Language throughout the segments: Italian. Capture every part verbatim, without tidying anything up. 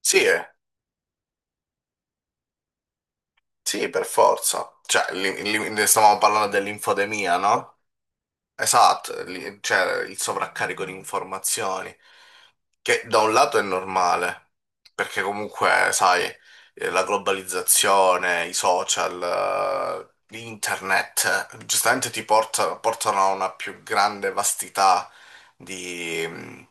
Sì, eh. Sì, per forza. Cioè, li- li- ne stavamo parlando dell'infodemia, no? Esatto, li- cioè il sovraccarico di informazioni, che da un lato è normale, perché comunque, sai, eh, la globalizzazione, i social, eh, internet, eh, giustamente ti porta- portano a una più grande vastità di... mm,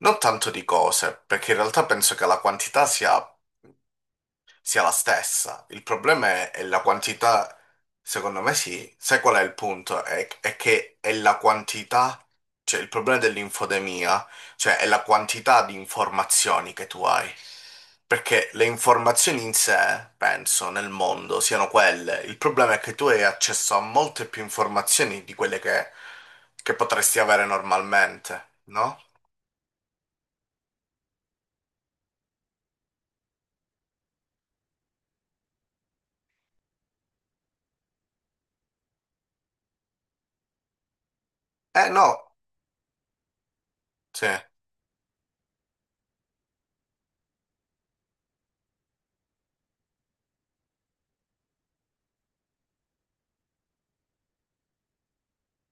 non tanto di cose, perché in realtà penso che la quantità sia sia la stessa. Il problema è, è la quantità, secondo me sì. Sai qual è il punto? È, è che è la quantità, cioè il problema dell'infodemia, cioè è la quantità di informazioni che tu hai. Perché le informazioni in sé, penso, nel mondo siano quelle. Il problema è che tu hai accesso a molte più informazioni di quelle che, che potresti avere normalmente, no? Eh no, sì,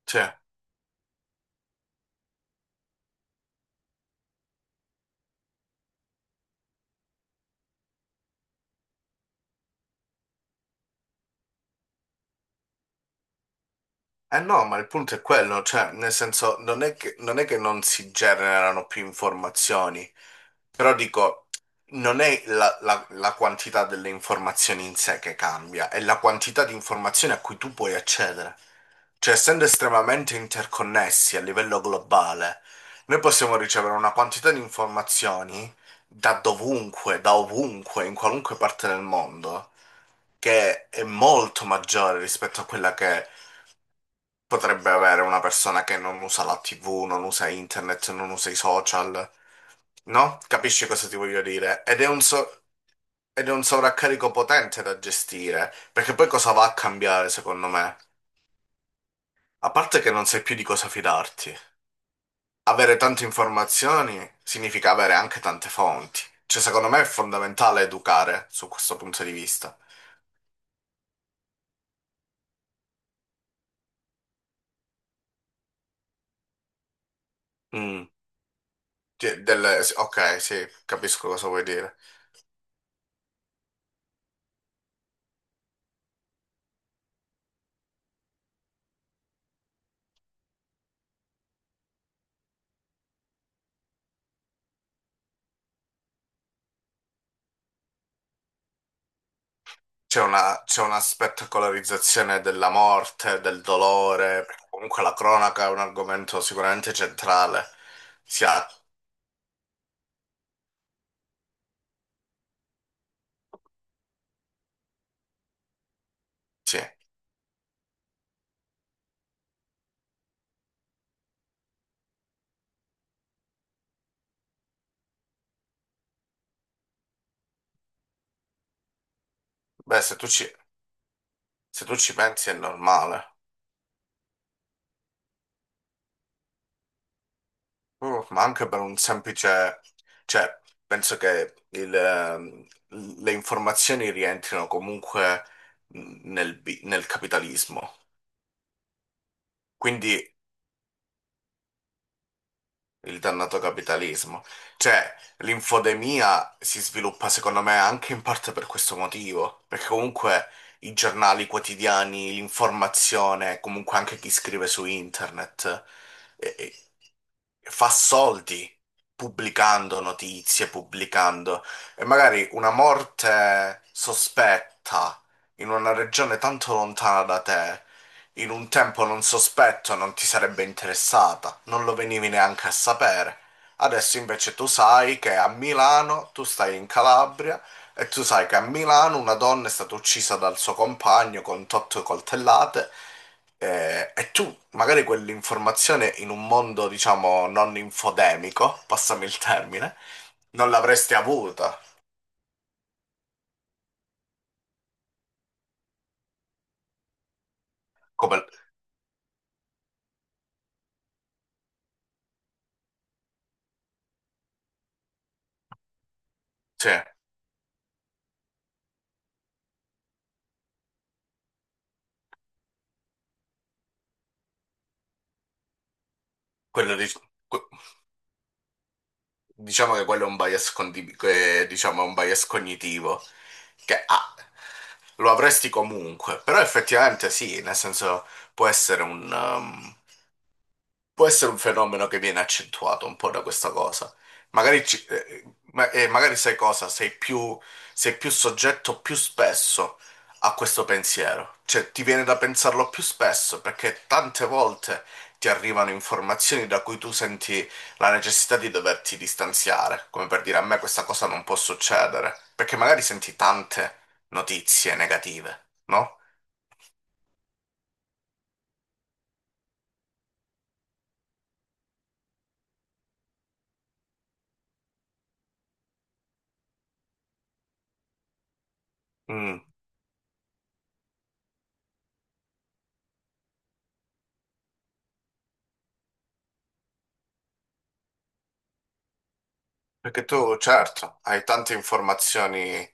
sì. Eh no, ma il punto è quello, cioè, nel senso, non è che non, è che non si generano più informazioni, però dico, non è la, la- la quantità delle informazioni in sé che cambia, è la quantità di informazioni a cui tu puoi accedere. Cioè, essendo estremamente interconnessi a livello globale, noi possiamo ricevere una quantità di informazioni da dovunque, da ovunque, in qualunque parte del mondo, che è molto maggiore rispetto a quella che potrebbe avere una persona che non usa la T V, non usa internet, non usa i social, no? Capisci cosa ti voglio dire? Ed è un so- ed è un sovraccarico potente da gestire, perché poi cosa va a cambiare, secondo me? A parte che non sai più di cosa fidarti. Avere tante informazioni significa avere anche tante fonti. Cioè, secondo me è fondamentale educare su questo punto di vista. Mm. Cioè, delle- sì, ok, sì, capisco cosa vuoi dire. C'è una, c'è una spettacolarizzazione della morte, del dolore, perché comunque la cronaca è un argomento sicuramente centrale. Sia, sì. Beh, se tu ci, se tu ci pensi è normale. Uh, ma anche per un semplice... Cioè, penso che il, ehm, le informazioni rientrino comunque nel, bi- nel capitalismo. Quindi Il dannato capitalismo. Cioè, l'infodemia si sviluppa secondo me anche in parte per questo motivo, perché comunque i giornali quotidiani, l'informazione, comunque anche chi scrive su internet, eh, eh, fa soldi pubblicando notizie, pubblicando e magari una morte sospetta in una regione tanto lontana da te. In un tempo non sospetto non ti sarebbe interessata, non lo venivi neanche a sapere. Adesso invece tu sai che a Milano, tu stai in Calabria, e tu sai che a Milano una donna è stata uccisa dal suo compagno con otto coltellate, eh, e tu magari quell'informazione in un mondo, diciamo, non infodemico, passami il termine, non l'avresti avuta. Come. cioè, quello di... que- Diciamo che quello è un bias, condi- che, diciamo, è un bias cognitivo, che ah, lo avresti comunque, però effettivamente sì, nel senso può essere un, um, Può essere un fenomeno che viene accentuato un po' da questa cosa. Magari, ci- eh, ma- eh, magari sai cosa? Sei più, sei più soggetto più spesso a questo pensiero. Cioè, ti viene da pensarlo più spesso perché tante volte ti arrivano informazioni da cui tu senti la necessità di doverti distanziare. Come per dire, a me questa cosa non può succedere. Perché magari senti tante notizie negative, no? Mm. Perché tu, certo, hai tante informazioni, eh,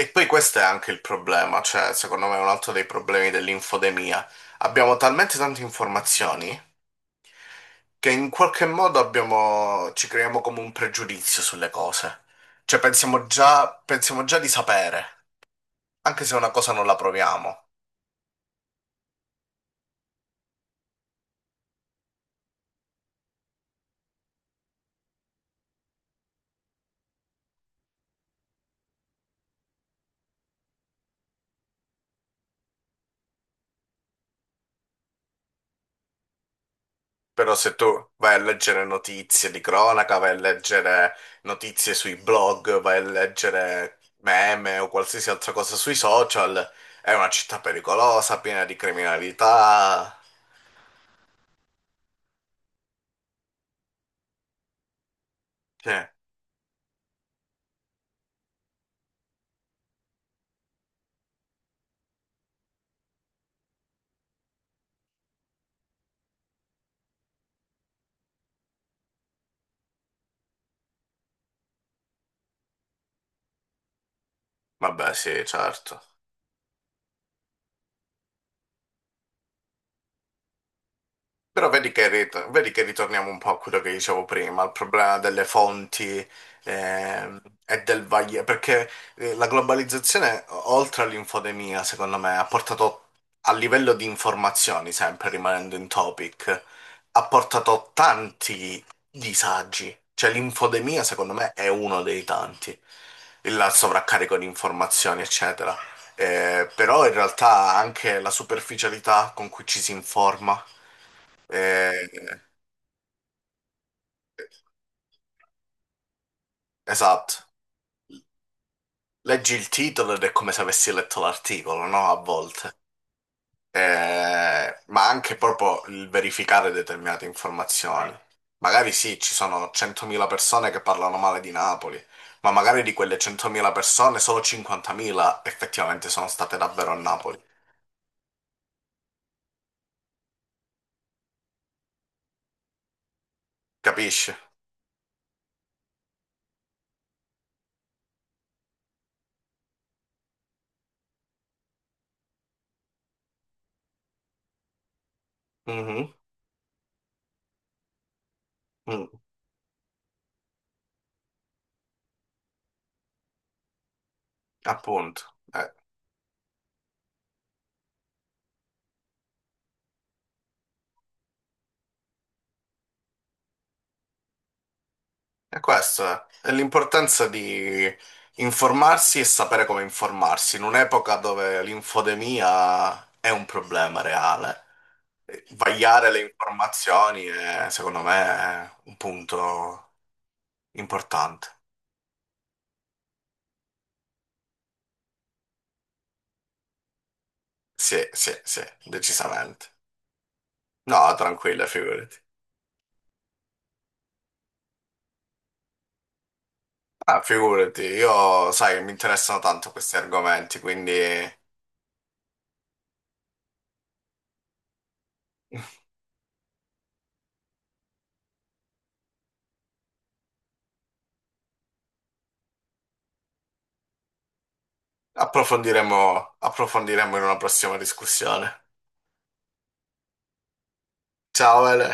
e poi questo è anche il problema, cioè secondo me è un altro dei problemi dell'infodemia. Abbiamo talmente tante informazioni che in qualche modo abbiamo, ci creiamo come un pregiudizio sulle cose. Cioè pensiamo già, pensiamo già di sapere, anche se una cosa non la proviamo. Però se tu vai a leggere notizie di cronaca, vai a leggere notizie sui blog, vai a leggere meme o qualsiasi altra cosa sui social, è una città pericolosa, piena di criminalità. Sì, vabbè, sì, certo. Però vedi che, rit- vedi che ritorniamo un po' a quello che dicevo prima, al problema delle fonti, ehm, e del vaglio, perché eh, la globalizzazione, o- oltre all'infodemia, secondo me, ha portato a livello di informazioni, sempre rimanendo in topic, ha portato tanti disagi. Cioè l'infodemia, secondo me, è uno dei tanti, il sovraccarico di informazioni, eccetera. Eh, però in realtà anche la superficialità con cui ci si informa. Eh, esatto. Leggi il titolo ed è come se avessi letto l'articolo, no? A volte. Eh, ma anche proprio il verificare determinate informazioni. Magari sì, ci sono centomila persone che parlano male di Napoli, ma magari di quelle centomila persone solo cinquantamila effettivamente sono state davvero a Napoli. Capisci? Mhm, mm, appunto. Eh, E questo è È l'importanza di informarsi e sapere come informarsi, in un'epoca dove l'infodemia è un problema reale. Eh, Vagliare le informazioni è, secondo me, è un punto importante. Sì, sì, sì, decisamente. No, tranquilla, figurati. Ah, figurati, io sai che mi interessano tanto questi argomenti, quindi approfondiremo, approfondiremo in una prossima discussione. Ciao, Ele.